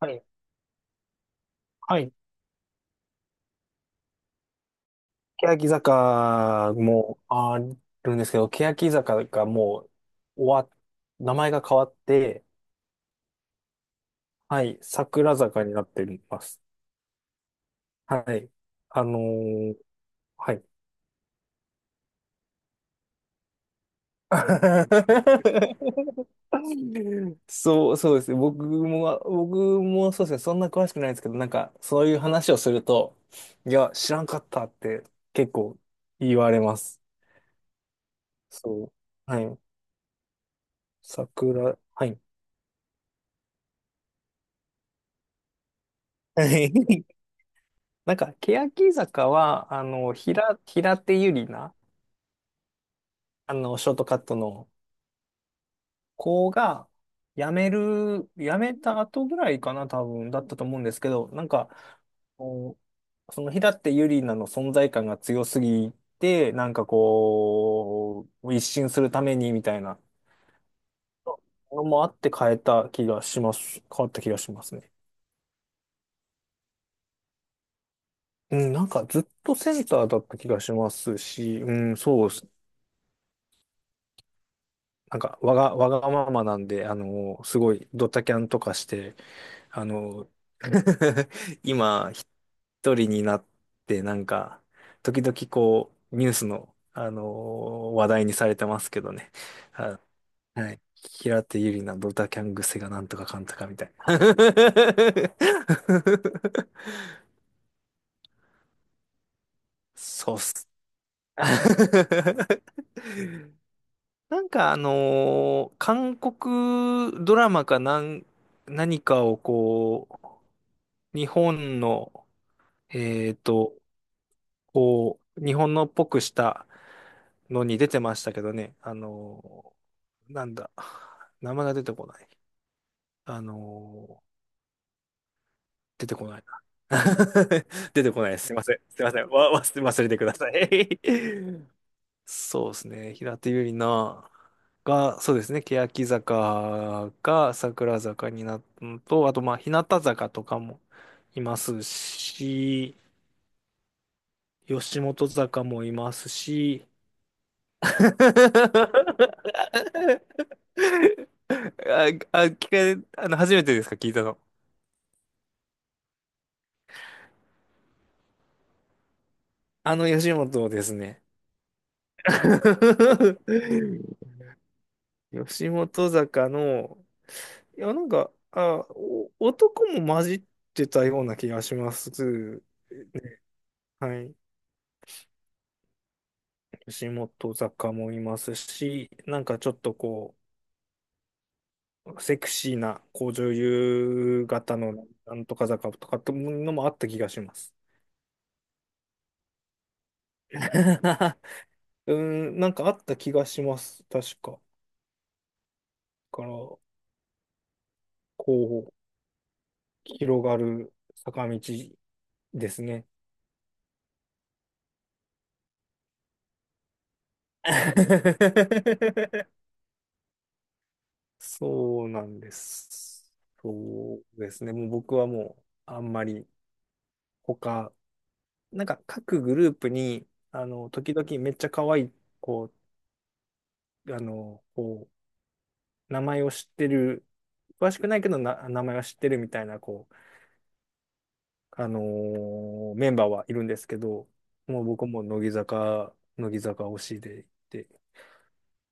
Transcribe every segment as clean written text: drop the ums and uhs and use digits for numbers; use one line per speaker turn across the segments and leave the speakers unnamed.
はい。はい。欅坂もあるんですけど、欅坂がもう終わっ、名前が変わって、はい、桜坂になっています。はい。あのーはい。そう、そうですね。僕もそうですね。そんな詳しくないですけど、なんか、そういう話をすると、いや、知らんかったって結構言われます。そう。はい。桜、はい。なんか、欅坂は、あの、平手友梨奈、あの、ショートカットの子が、辞めた後ぐらいかな、多分、だったと思うんですけど、なんか、こうその平手友梨奈の存在感が強すぎて、なんかこう、一新するためにみたいなのもあって変えた気がします。変わった気がしますね。うん、なんかずっとセンターだった気がしますし、うん、そうなんか、わがままなんで、あの、すごい、ドタキャンとかして、あの、今、一人になって、なんか、時々こう、ニュースの、あの、話題にされてますけどね。あ、はい。平手友梨奈ドタキャン癖がなんとかかんとかみたいな。そうっす。なんか韓国ドラマかなん、何かをこう、日本の、えっと、こう、日本のっぽくしたのに出てましたけどね、なんだ、名前が出てこない。あの出てこないな。出てこないです。すいません。すいません。わ、忘れてください。そうですね。平手友梨奈が、そうですね。欅坂が桜坂になったのと、あと、まあ、日向坂とかもいますし、吉本坂もいますし、あ、あ、聞か、あの、初めてですか？聞いたの。あの吉本ですね。吉本坂の、いや、なんか、あ、男も混じってたような気がします。はい。吉本坂もいますし、なんかちょっとこう、セクシーな、こう女優型のなんとか坂とかっていうのもあった気がします。うん、なんかあった気がします。確か。だから、こう、広がる坂道ですね。そうなんです。そうですね。もう僕はもう、あんまり他、なんか各グループに、あの、時々めっちゃ可愛い、こう、あの、こう、名前を知ってる、詳しくないけどな、名前は知ってるみたいな、こう、メンバーはいるんですけど、もう僕も乃木坂推しで行って、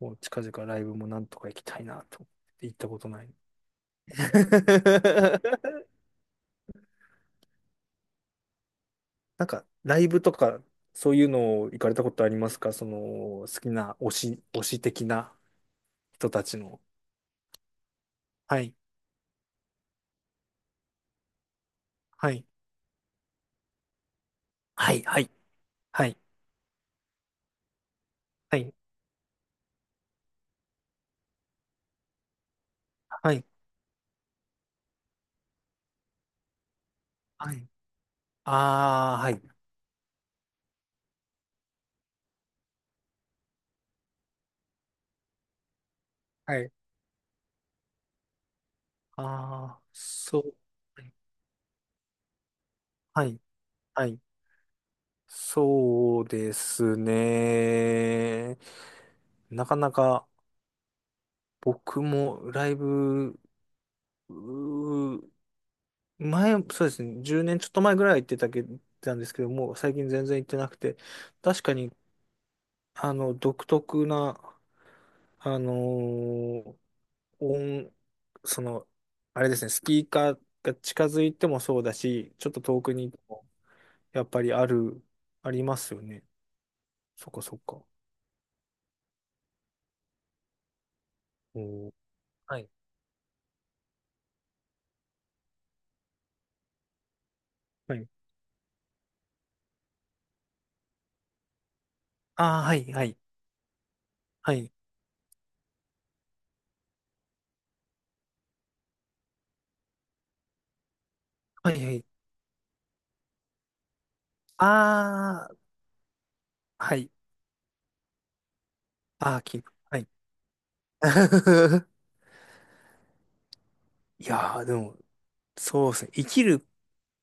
もう近々ライブもなんとか行きたいなと思って行ったことない。なんか、ライブとか、そういうのを行かれたことありますか？その、好きな推し的な人たちの。はい、はい、はい、はい、はい、はい、はい、はい。ああ、はい、はい。ああ、そう。はい、はい。そうですね。なかなか僕もライブ、うー前、そうですね。10年ちょっと前ぐらい行ってたけ、たんですけども、最近全然行ってなくて、確かに、あの、独特な、あのー音、その、あれですね、スピーカーが近づいてもそうだし、ちょっと遠くにやっぱりある、ありますよね。そっかそっか。おーはい。はい。ああ、はい、はい、はい、はい、はい。ああ、はい。ああ、キープ。はい。いやー、でも、そうですね。生きる、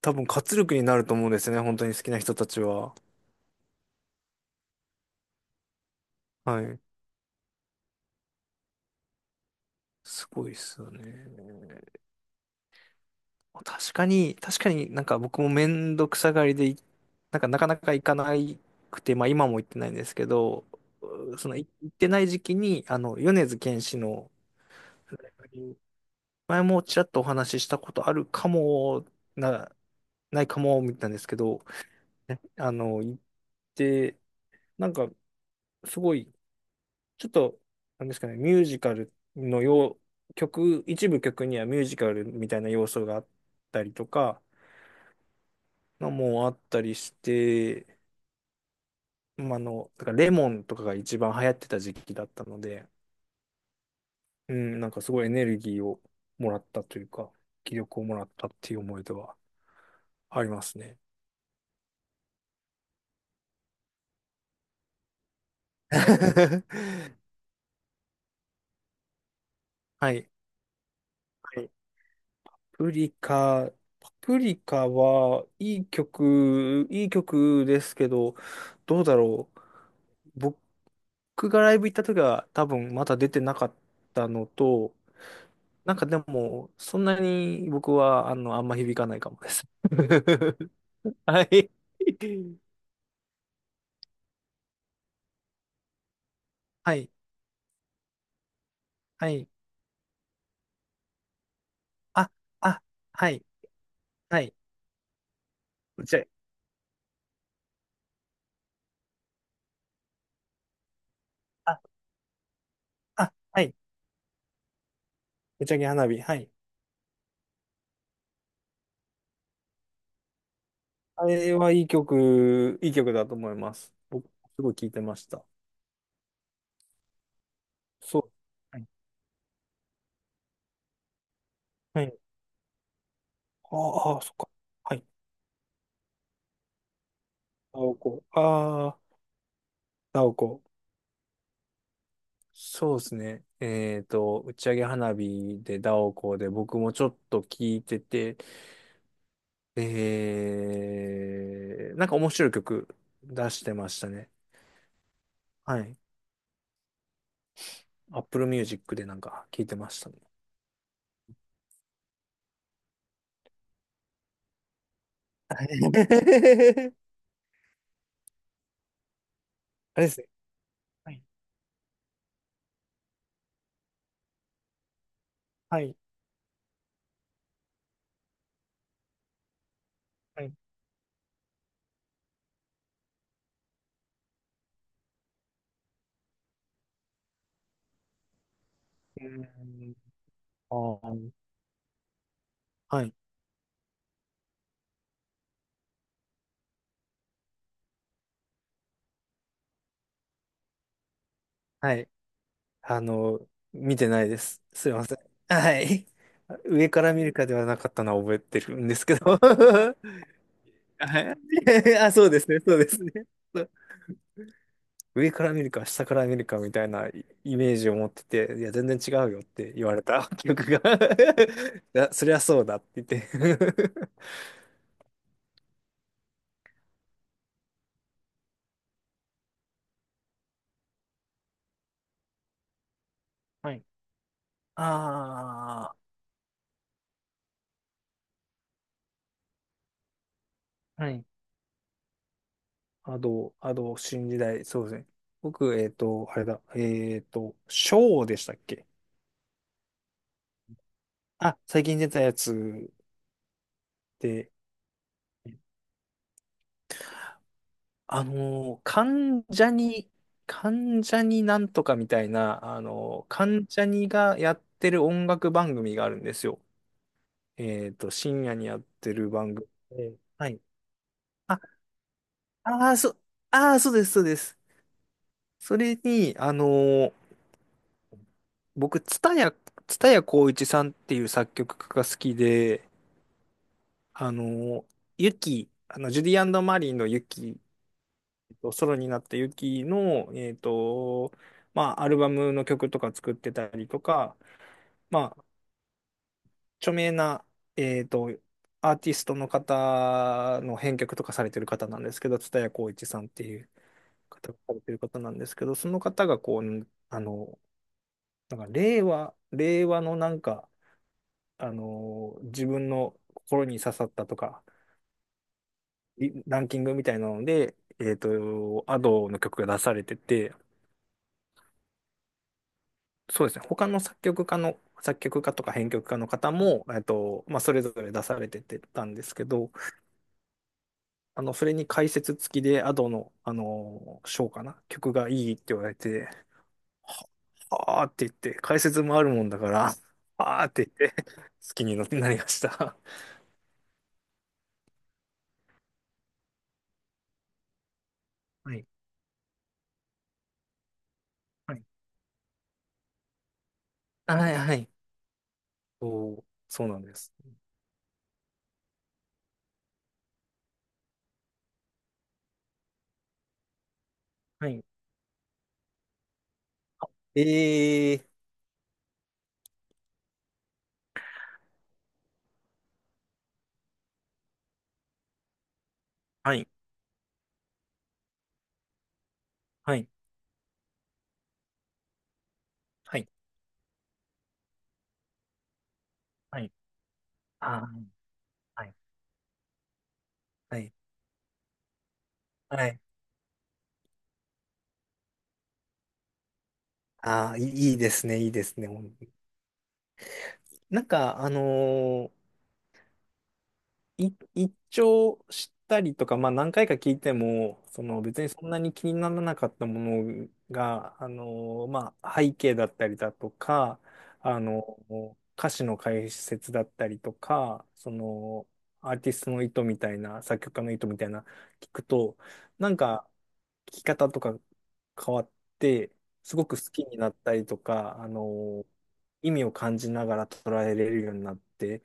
多分活力になると思うんですね。本当に好きな人たちは。はい。すごいっすよね。確かに、確かになんか僕もめんどくさがりで、なんかなかなか行かなくて、まあ今も行ってないんですけど、うそのい行ってない時期に、あの、米津玄師の、前もちらっとお話ししたことあるかも、な、ないかも、みたいなんですけど、行って、なんかすごい、ちょっと、なんですかね、ミュージカルの曲、一部曲にはミュージカルみたいな要素があったりとか、のもあったりして、まあ、あの、だからレモンとかが一番流行ってた時期だったので、うん、なんかすごいエネルギーをもらったというか、気力をもらったっていう思い出はありますね。はい。はい。パプリカ、パプリカはいい曲、いい曲ですけど、どうだろう。僕がライブ行った時は多分まだ出てなかったのと、なんかでも、そんなに僕はあの、あんま響かないかもです。はい。はい、はい。あ、あ、はい、はい。打ち上げあ、あ、はい。打ち上げ花火。はい。あれはいい曲、いい曲だと思います。僕、すごい聴いてました。そう。はい。はい。ああ、そっか。はい。ナオコ。ああ、ダオコ。そうですね。えっと、打ち上げ花火でダオコで僕もちょっと聴いてて、えー、なんか面白い曲出してましたね。はい。Apple Music でなんか聞いてましたね。はい あれですね。はい。はい。はい。うーんあーはい。はい。あの、見てないです。すいません。はい。上から見るかではなかったのは覚えてるんですけど。はい あ、そうですね。そうですね。そう上から見るか、下から見るかみたいなイメージを持ってて、いや、全然違うよって言われた 記憶が いやそりゃそうだって言って はい。ああ。はい。アド、新時代、そうですね。僕、えっと、あれだ、えっと、ショーでしたっけ？あ、最近出たやつで、あのー、関ジャニ、関ジャニなんとかみたいな、関ジャニがやってる音楽番組があるんですよ。えっと、深夜にやってる番組で。はい。あ、あー、そう、あー、そうです、そうです。それに、僕、蔦谷好位置さんっていう作曲家が好きで、あの、ユキ、あの、ジュディマリーのユキ、えっとソロになったユキの、えっと、まあ、アルバムの曲とか作ってたりとか、まあ、著名な、えっと、アーティストの方の編曲とかされてる方なんですけど、蔦谷好位置さんっていう方がされてる方なんですけど、その方がこう、あの、なんか令和のなんか、あの、自分の心に刺さったとか、リランキングみたいなので、えっと、アドの曲が出されてて、そうですね、他の作曲家とか編曲家の方も、えっと、まあ、それぞれ出されててたんですけど、あの、それに解説付きでアドの、あの、賞かな、曲がいいって言われて、あーって言って、解説もあるもんだから、あーって言って、好きになりました。はい。はい。はい、はい。そう、そうなんです。はい。えー、はい、はい、はい、はい。あーはいはい。はい。ああ、いいですね、いいですね。ほんなんか、一聴したりとか、まあ何回か聞いても、その別にそんなに気にならなかったものが、あの、まあ背景だったりだとか、あの、歌詞の解説だったりとか、その、アーティストの意図みたいな、作曲家の意図みたいな、聞くと、なんか、聞き方とか変わって、すごく好きになったりとか、あの、意味を感じながら捉えれるようになって、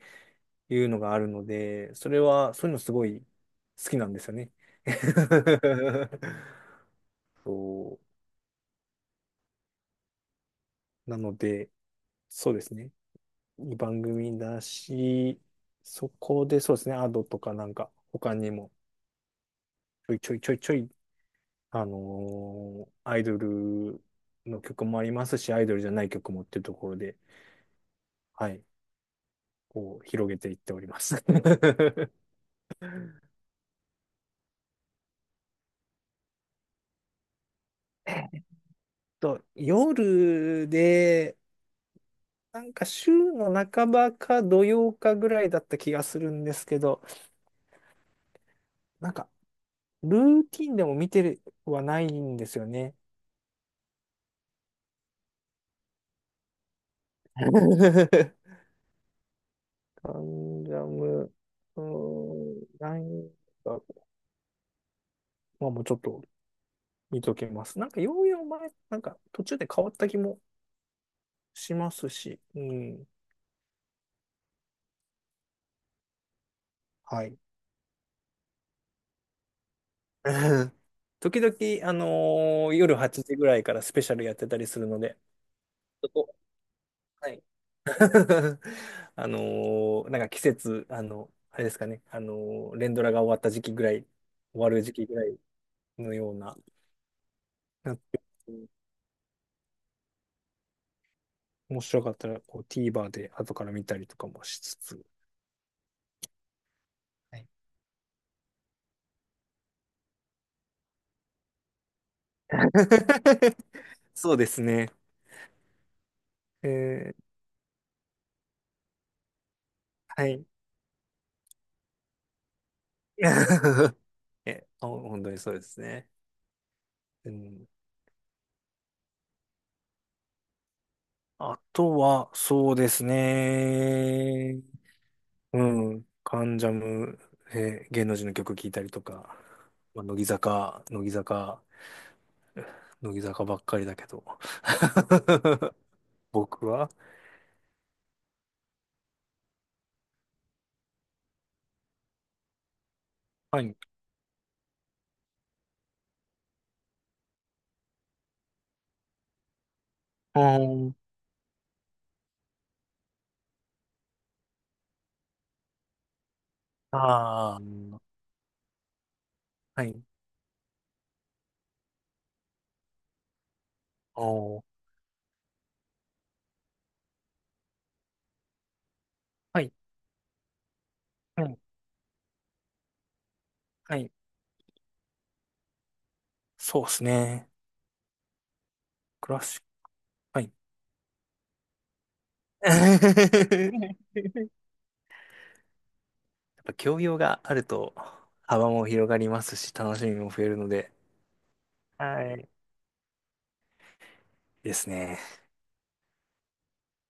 いうのがあるので、それは、そういうのすごい好きなんですよね。そう。なので、そうですね。いい番組だし、そこでそうですね、アドとかなんか、他にもちょいちょいちょいちょい、アイドルの曲もありますし、アイドルじゃない曲もっていうところで、はい、こう広げていっております。えっと、夜で、なんか週の半ばか土曜かぐらいだった気がするんですけど、なんかルーティンでも見てはないんですよね。カンジャム、うーん、なんか、まあもうちょっと見ときます。なんかようやく前、なんか途中で変わった気もしますし、うん、はい。時々、夜8時ぐらいからスペシャルやってたりするので、そこ、はい あのなんか季節、あの、あれですかね、連ドラが終わった時期ぐらい、終わる時期ぐらいのような、なって面白かったらこう TVer で後から見たりとかもしつつ。はい そうですね。えーはい。え、あ本当にそうですね。うん、あとは、そうですね。うん。カンジャムね、えー芸能人の曲聴いたりとか、まあ、乃木坂ばっかりだけど。僕ははい。うん。ああ、はい。おーはい。はい。はい。そうですね。クラシック。はい。やっぱ教養があると幅も広がりますし、楽しみも増えるので、はい。ですね。